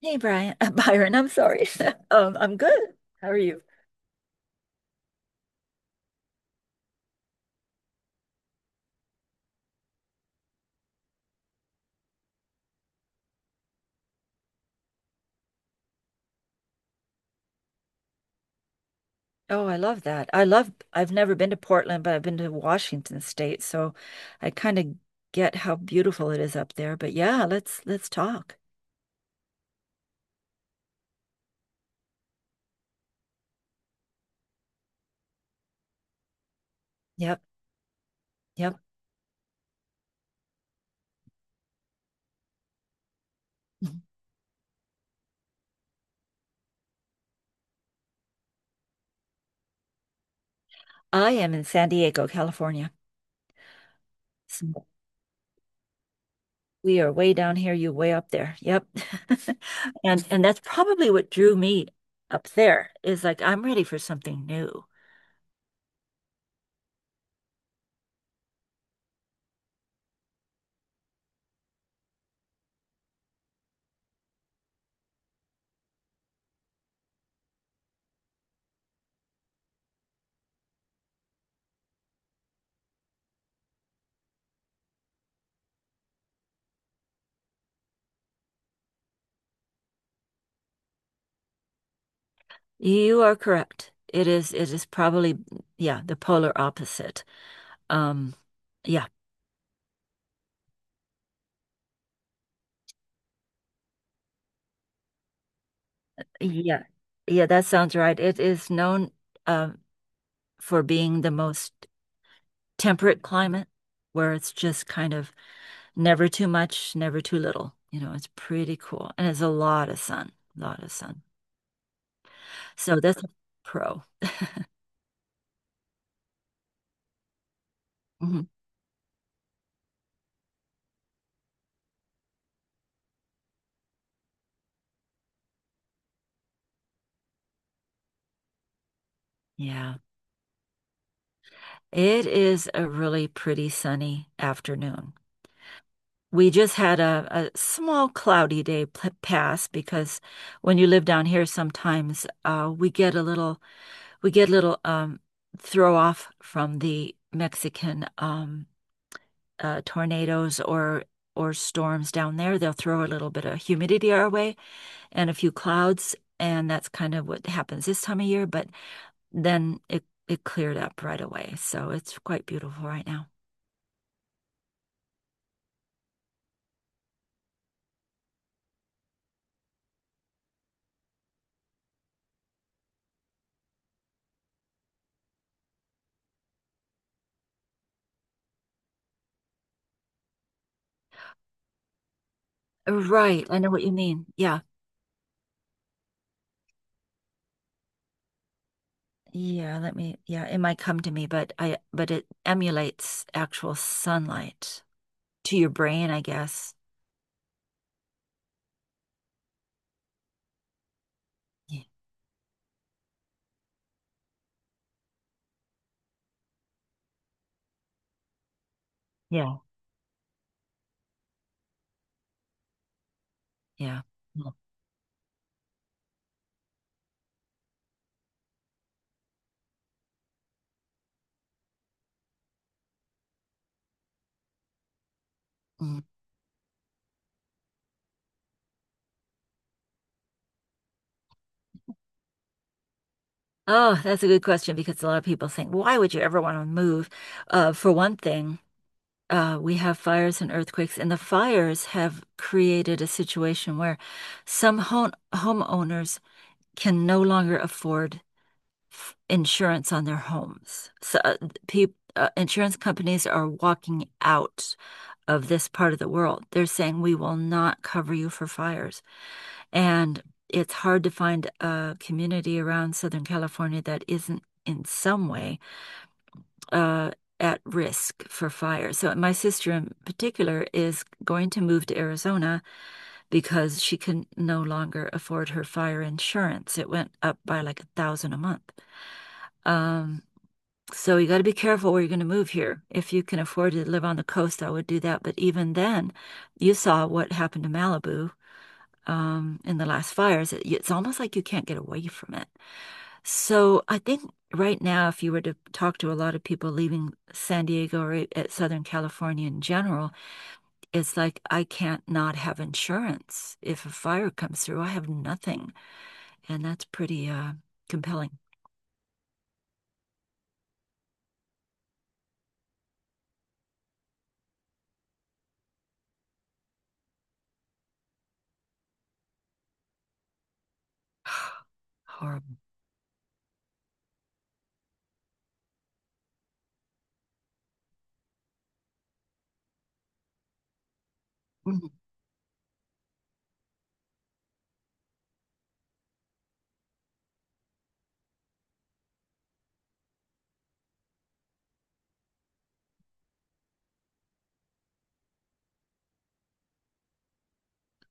Hey Brian, Byron, I'm sorry. I'm good. How are you? Oh, I love that. I love, I've never been to Portland, but I've been to Washington State, so I kind of get how beautiful it is up there. But yeah, let's talk. Yep, yep. Mhm. I am in San Diego, California. So we are way down here, you way up there. Yep. And that's probably what drew me up there is like I'm ready for something new. You are correct. It is probably, yeah, the polar opposite. Um yeah. Yeah. Yeah, that sounds right. It is known uh, for being the most temperate climate where it's just kind of never too much, never too little. You know, it's pretty cool. And it's a lot of sun, a lot of sun. So that's a pro. Mhm. Yeah. It is a really pretty sunny afternoon. We just had a small cloudy day p pass because when you live down here, sometimes we get a little we get a little throw off from the Mexican tornadoes or storms down there. They'll throw a little bit of humidity our way and a few clouds, and that's kind of what happens this time of year. But then it cleared up right away, so it's quite beautiful right now. Right, I know what you mean. Yeah. Yeah, yeah, it might come to me, but it emulates actual sunlight to your brain, I guess. Yeah. Yeah. Yeah. Mm. Mm. Oh, that's a good question because a lot of people think, why would you ever want to move? For one thing, we have fires and earthquakes, and the fires have created a situation where some homeowners can no longer afford f insurance on their homes. So, insurance companies are walking out of this part of the world. They're saying, we will not cover you for fires. And it's hard to find a community around Southern California that isn't in some way uh, at risk for fire. So my sister in particular is going to move to Arizona because she can no longer afford her fire insurance. It went up by like 1,000 a month. Um, so you got to be careful where you're going to move here. If you can afford to live on the coast, I would do that. But even then, you saw what happened to Malibu in the last fires. It- It's almost like you can't get away from it. So I think right now, if you were to talk to a lot of people leaving San Diego or at Southern California in general, it's like I can't not have insurance. If a fire comes through, I have nothing, and that's pretty compelling. Horrible. Mm-hmm.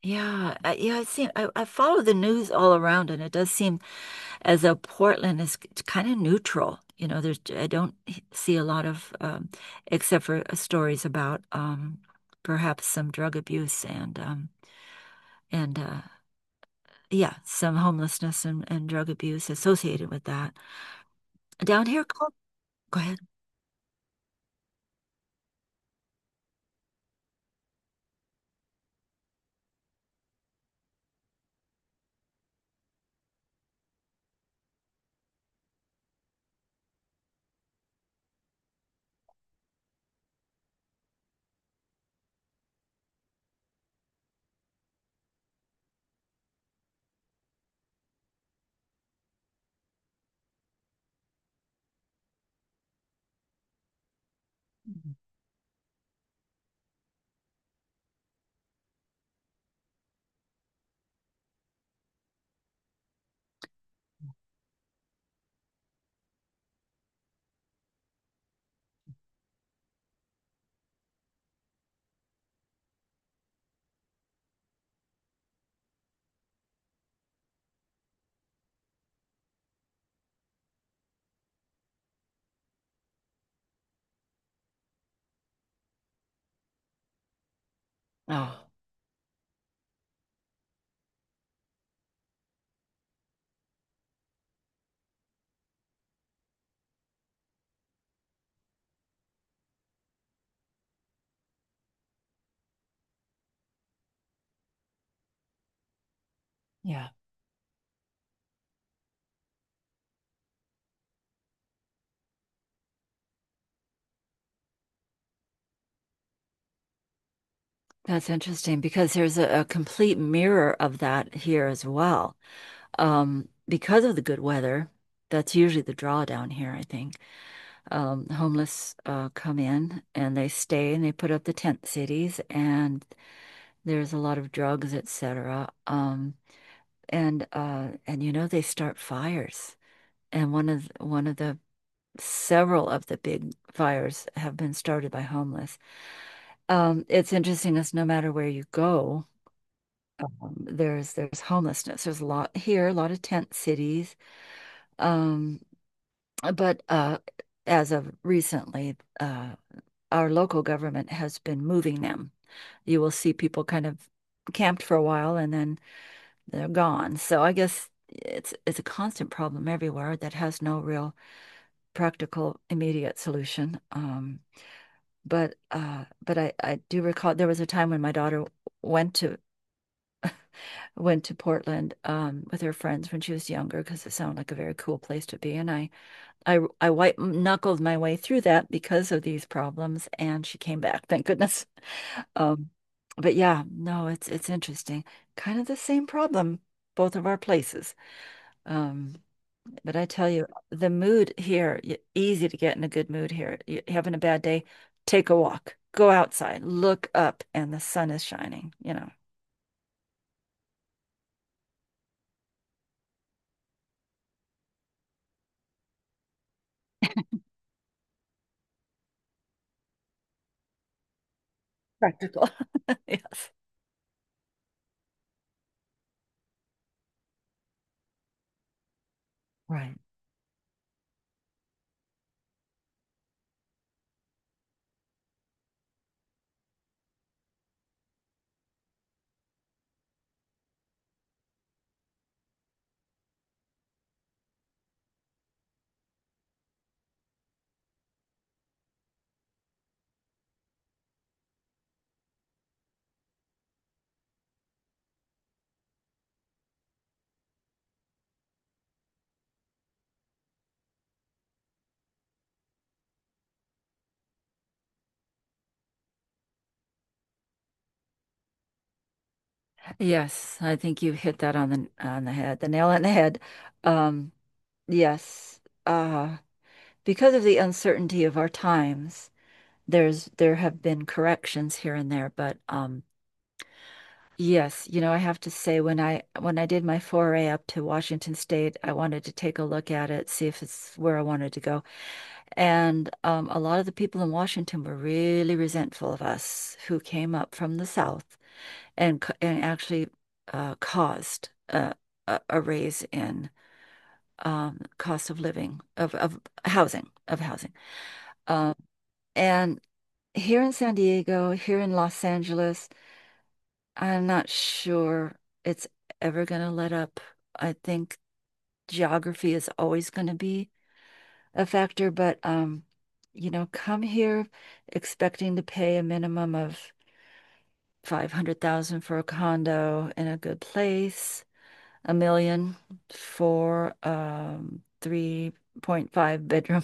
Yeah, I see. I follow the news all around, and it does seem as though Portland is kind of neutral. You know, there's I don't h- see a lot of, except for stories about perhaps some drug abuse and yeah, some homelessness and drug abuse associated with that. Down here, Col- go ahead. Oh, yeah, that's interesting because there's a complete mirror of that here as well. Because of the good weather, that's usually the draw down here, I think. Homeless come in and they stay and they put up the tent cities and there's a lot of drugs, etc. And and you know they start fires. And one of the several of the big fires have been started by homeless. It's interesting as no matter where you go, there's homelessness. There's a lot here, a lot of tent cities. Um, But as of recently, our local government has been moving them. You will see people kind of camped for a while and then they're gone. So I guess it's a constant problem everywhere that has no real practical immediate solution. But I do recall there was a time when my daughter went to went to Portland with her friends when she was younger because it sounded like a very cool place to be, and I white knuckled my way through that because of these problems, and she came back, thank goodness. Um, but yeah, no, it's interesting. Kind of the same problem, both of our places. Um, but I tell you, the mood here, y- easy to get in a good mood here. You having a bad day, take a walk, go outside, look up, and the sun is shining. Practical. Yes. Right. Yes, I think you hit that on the head, the nail on the head. Um, Yes, uh, because of the uncertainty of our times, there's there have been corrections here and there, but yes, you know, I have to say when I did my foray up to Washington State, I wanted to take a look at it, see if it's where I wanted to go. And a lot of the people in Washington were really resentful of us who came up from the South and c- and actually caused a raise in cost of living of of housing. Um, and here in San Diego, here in Los Angeles, I'm not sure it's ever going to let up. I think geography is always going to be a factor, but you know, come here expecting to pay a minimum of 500,000 for a condo in a good place, a million for 3.5 bedroom,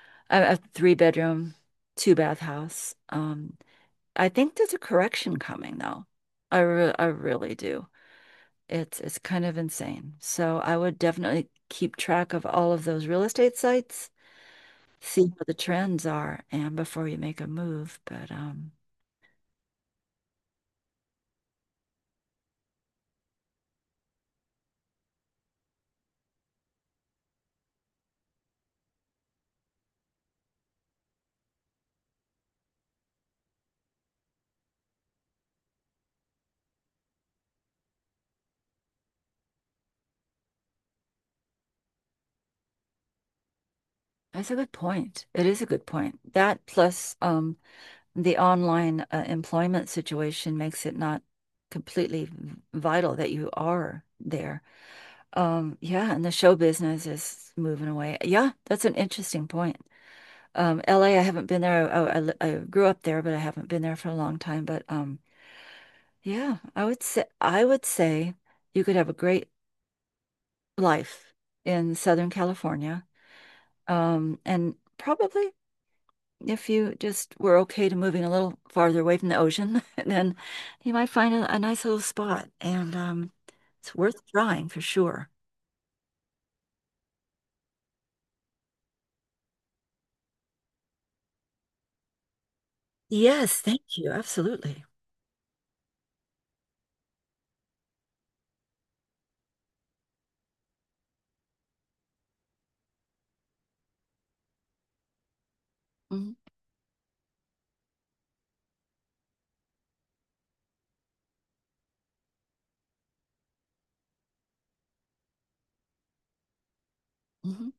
a three bedroom, two bath house. I think there's a correction coming though. I really do. It's kind of insane. So I would definitely keep track of all of those real estate sites, see what the trends are, and before you make a move. But That's a good point. It is a good point. That plus the online employment situation makes it not completely v- vital that you are there. Yeah, and the show business is moving away. Yeah, that's an interesting point. LA, I haven't been there. I grew up there, but I haven't been there for a long time. But Yeah, I would say you could have a great life in Southern California. And probably if you just were okay to moving a little farther away from the ocean, then you might find a nice little spot. And It's worth trying for sure. Yes, thank you. Absolutely. Mhm, mhm.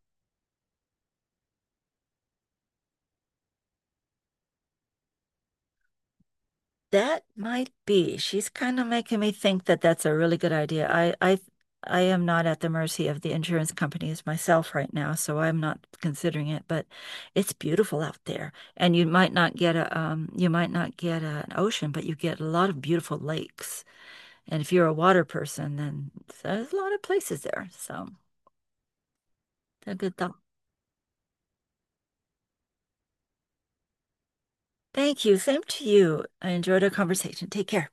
That might be. She's kind of making me think that that's a really good idea. I am not at the mercy of the insurance companies myself right now, so I'm not considering it. But it's beautiful out there, and you might not get a, you might not get a, an ocean, but you get a lot of beautiful lakes. And if you're a water person, then there's a lot of places there. So, a good thought. Thank you. Same to you. I enjoyed our conversation. Take care.